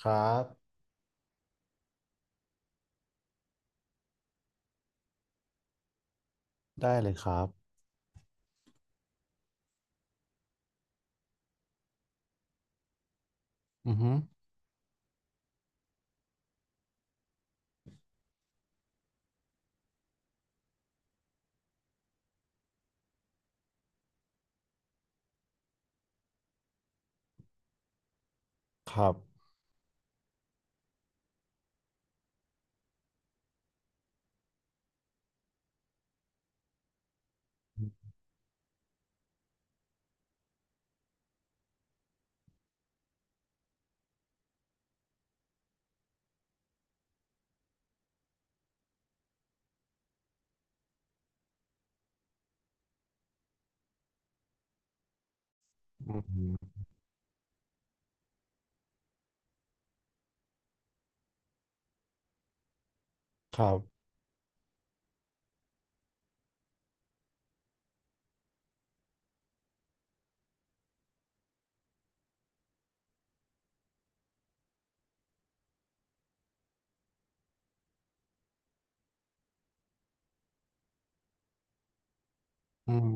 ครับได้เลยครับอือฮึครับอืมครับอืม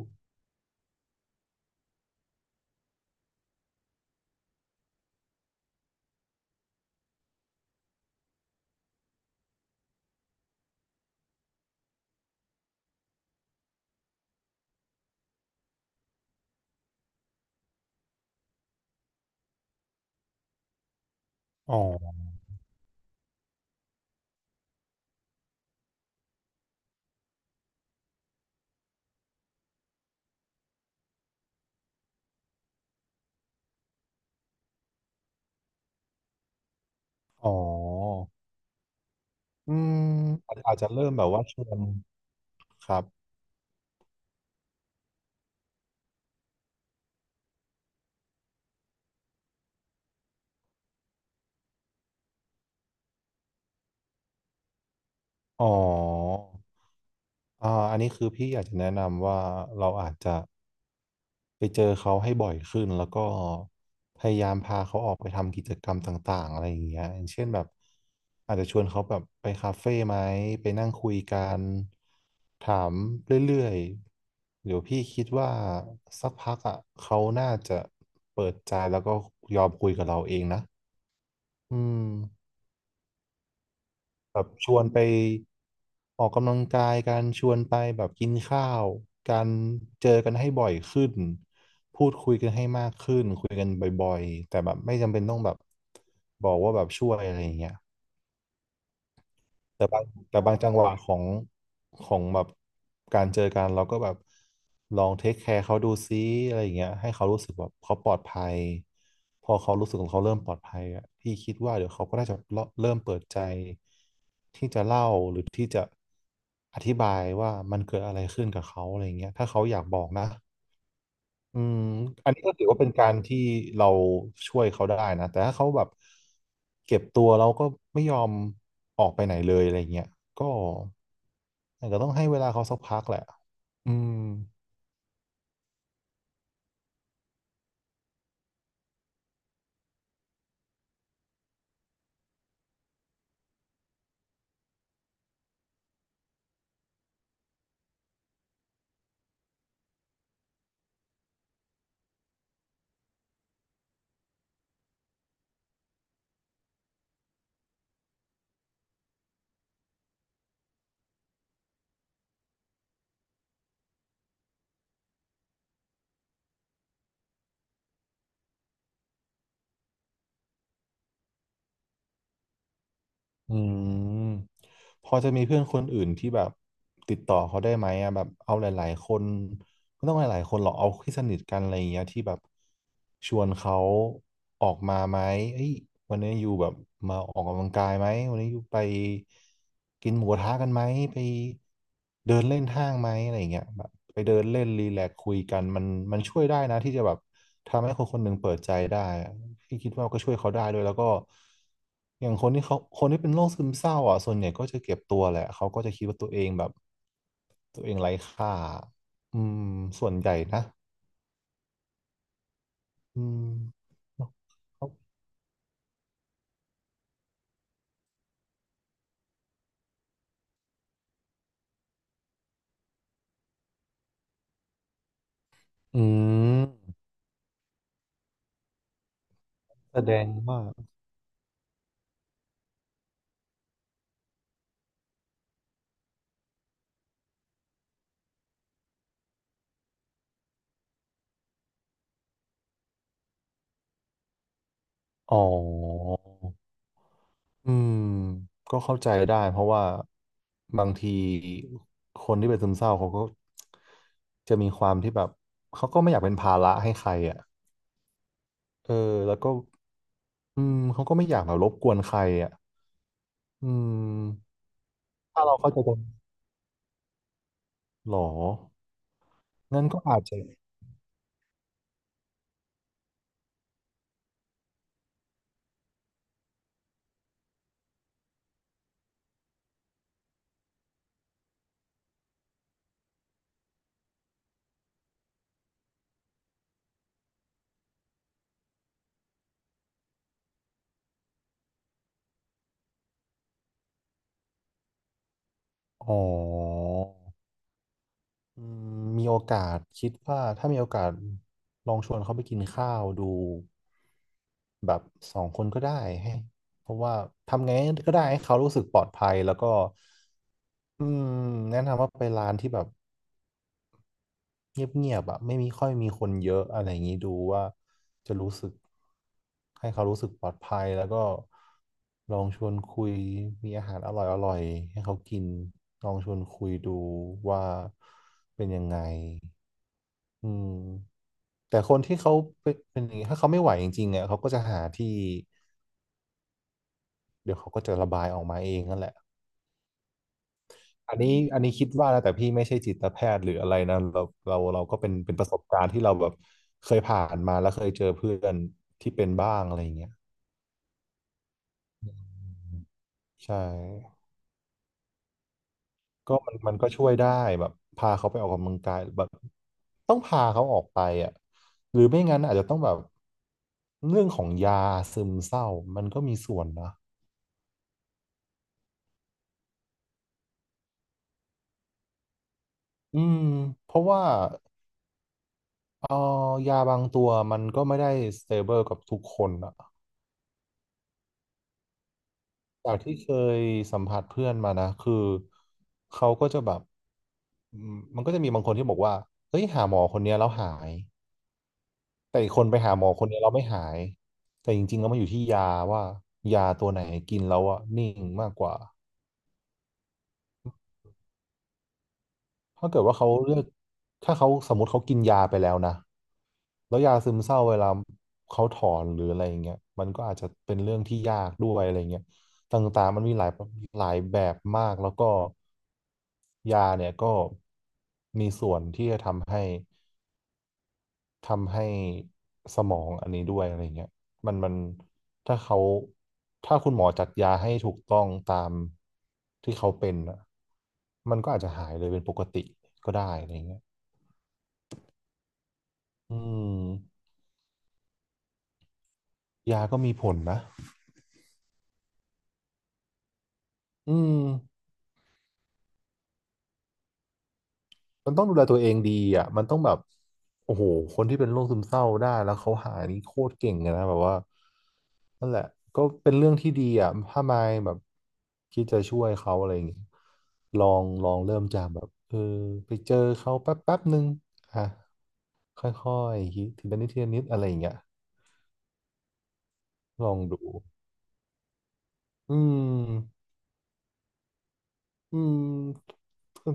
อ๋ออ๋ออืมอาจจะเริ่มแบบว่าชวนครับ อ๋ออ่าอันนี้คือพี่อยากจะแนะนำว่าเราอาจจะไปเจอเขาให้บ่อยขึ้นแล้วก็พยายามพาเขาออกไปทำกิจกรรมต่างๆอะไรอย่างเงี้ยอย่างเช่นแบบอาจจะชวนเขาแบบไปคาเฟ่ไหมไปนั่งคุยกันถามเรื่อยๆเดี๋ยวพี่คิดว่าสักพักอ่ะเขาน่าจะเปิดใจแล้วก็ยอมคุยกับเราเองนะอืม แบบชวนไปออกกำลังกายการชวนไปแบบกินข้าวการเจอกันให้บ่อยขึ้นพูดคุยกันให้มากขึ้นคุยกันบ่อยๆแต่แบบไม่จำเป็นต้องแบบบอกว่าแบบช่วยอะไรอย่างเงี้ย แต่บางแต่บางจังหวะของแบบการเจอกันเราก็แบบลองเทคแคร์เขาดูซิอะไรอย่างเงี้ยให้เขารู้สึกแบบเขาปลอดภัยพอเขารู้สึกของเขาเริ่มปลอดภัยอ่ะพี่คิดว่าเดี๋ยวเขาก็น่าจะเริ่มเปิดใจที่จะเล่าหรือที่จะอธิบายว่ามันเกิดอะไรขึ้นกับเขาอะไรอย่างเงี้ยถ้าเขาอยากบอกนะ อืมอันนี้ก็ถือว่าเป็นการที่เราช่วยเขาได้นะ แต่ถ้าเขาแบบเก็บตัวเราก็ไม่ยอมออกไปไหนเลยอะไรเงี้ยก็อาจจะต้องให้เวลาเขาสักพักแหละอืม อืมพอจะมีเพื่อนคนอื่นที่แบบติดต่อเขาได้ไหมอะแบบเอาหลายๆคนไม่ต้องหลายๆคนหรอกเอาที่สนิทกันอะไรอย่างเงี้ยที่แบบชวนเขาออกมาไหมเอ้ยวันนี้อยู่แบบมาออกกำลังกายไหมวันนี้อยู่ไปกินหมูกระทะกันไหมไปเดินเล่นห้างไหมอะไรอย่างเงี้ยแบบไปเดินเล่นรีแลกซ์คุยกันมันมันช่วยได้นะที่จะแบบ ทำให้คนหนึ่งเปิดใจได้อะพี่คิดว่าก็ช่วยเขาได้ด้วยแล้วก็อย่างคนที่เป็นโรคซึมเศร้าอ่ะส่วนใหญ่ก็จะเก็บตัวแหละเขาก็จะคิดว่าตัวเองแบบตัวเองไร้ค่าอืมส่วนใหญ่นะอืมเนอะเขาอืมแสดงว่าอ๋ออืมก็เข้าใจได้เพราะว่าบางทีคนที่เป็นซึมเศร้าเขาก็จะมีความที่แบบเขาก็ไม่อยากเป็นภาระให้ใครอ่ะเออแล้วก็ อืมเขาก็ไม่อยากแบบรบกวนใครอ่ะอืมถ้าเราเข้าใจกันหรองั้นก็อาจจะอ๋ออืมมีโอกาสคิดว่าถ้ามีโอกาสลองชวนเขาไปกินข้าวดูแบบสองคนก็ได้ให้เพราะว่าทำไงก็ได้ให้เขารู้สึกปลอดภัยแล้วก็อืมแนะนำว่าไปร้านที่แบบ เงียบๆอ่ะไม่มีค่อยมีคนเยอะอะไรอย่างนี้ดูว่าจะรู้สึกให้เขารู้สึกปลอดภัยแล้วก็ลองชวนคุยมีอาหารอร่อยๆให้เขากินลองชวนคุยดูว่าเป็นยังไงอืมแต่คนที่เขาเป็นอย่างนี้ถ้าเขาไม่ไหวจริงๆอ่ะเขาก็จะหาที่เดี๋ยวเขาก็จะระบายออกมาเองนั่นแหละ อันนี้อันนี้คิดว่านะแต่พี่ไม่ใช่จิตแพทย์หรืออะไรนะเราเราก็เป็นประสบการณ์ที่เราแบบเคยผ่านมาแล้วเคยเจอเพื่อนที่เป็นบ้างอะไรอย่างเงี้ยอืมใช่ก็มันมันก็ช่วยได้แบบพาเขาไปออกกำลังกายแบบต้องพาเขาออกไปอ่ะหรือไม่งั้นอาจจะต้องแบบเรื่องของยาซึมเศร้ามันก็มีส่วนนะอืมเพราะว่าเออยาบางตัวมันก็ไม่ได้สเตเบิลกับทุกคนอะ จากที่เคยสัมผัสเพื่อนมานะคือเขาก็จะแบบอืมมันก็จะมีบางคนที่บอกว่าเฮ้ยหาหมอคนเนี้ยแล้วหายแต่อีกคนไปหาหมอคนเนี้ยแล้วไม่หายแต่จริงๆแล้วมันอยู่ที่ยาว่ายาตัวไหนกินแล้วอะนิ่งมากกว่าถ้าเกิดว่าเขาเลือกถ้าเขาสมมติเขากินยาไปแล้วนะแล้วยาซึมเศร้าเวลาเขาถอนหรืออะไรอย่างเงี้ยมันก็อาจจะเป็นเรื่องที่ยากด้วยอะไรเงี้ยต่างๆมันมีหลายแบบมากแล้วก็ ยาเนี่ยก็มีส่วนที่จะทำให้ทำให้สมองอันนี้ด้วยอะไรเงี้ยมันมันถ้าเขาถ้าคุณหมอจัดยาให้ถูกต้องตามที่เขาเป็นอ่ะมันก็อาจจะหายเลยเป็นปกติก็ได้อะไรเงี้ยอืมยาก็มีผลนะอืม มันต้องดูแลตัวเองดีอ่ะมันต้องแบบโอ้โหคนที่เป็นโรคซึมเศร้าได้แล้วเขาหายนี่โคตรเก่งเลยนะแบบว่านั่นแหละก็เป็นเรื่องที่ดีอ่ะถ้ามายแบบคิดจะช่วยเขาอะไรอย่างเงี้ยลองเริ่มจากแบบเออไปเจอเขาแป๊บแป๊บนึงอ่ะค่อยๆคิดทีละนิดทีละนิดอะไรอย่างเงี้ยลองดูอืมอืม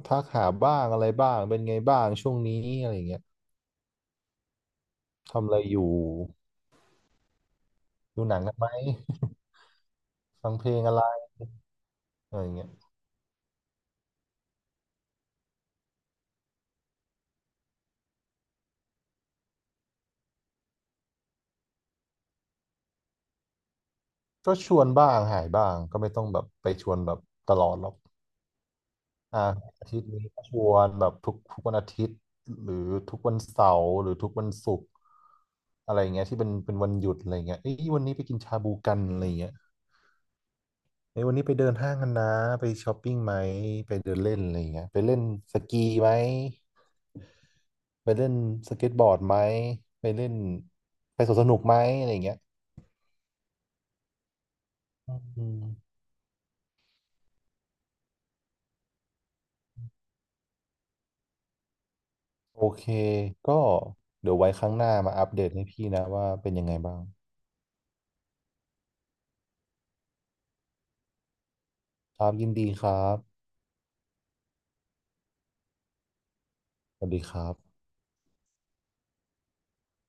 ทักหาบ้างอะไรบ้างเป็นไงบ้างช่วงนี้อะไรอย่างเงี้ยทำอะไรอยู่ดูหนังกันไหม ฟังเพลงอะไรอะไรอย่างเงี้ยก็ชวนบ้างหายบ้าง ก็ไม่ต้องแบบไปชวนแบบตลอดหรอกอ่าอาทิตย์นี้ก็ชวนแบบทุกวันอาทิตย์หรือทุกวันเสาร์หรือทุกวันศุกร์อะไรอย่างเงี้ยที่เป็นเป็นวันหยุดอะไรเงี้ยเอ้ยวันนี้ไปกินชาบูกันอะไรเงี้ยเอ้ยวันนี้ไปเดินห้างกันนะไปช้อปปิ้งไหมไปเดินเล่นอะไรเงี้ยไปเล่นสกีไหมไปเล่นสเก็ตบอร์ดไหมไปเล่นไปสวนสนุกไหมอะไรเงี้ยอืม โอเค ก็เดี๋ยวไว้ครั้งหน้ามาอัปเดตให้พี่นะว่าเป็นยังไงบ้าง ครับยินดีครับ สวัสดีครับ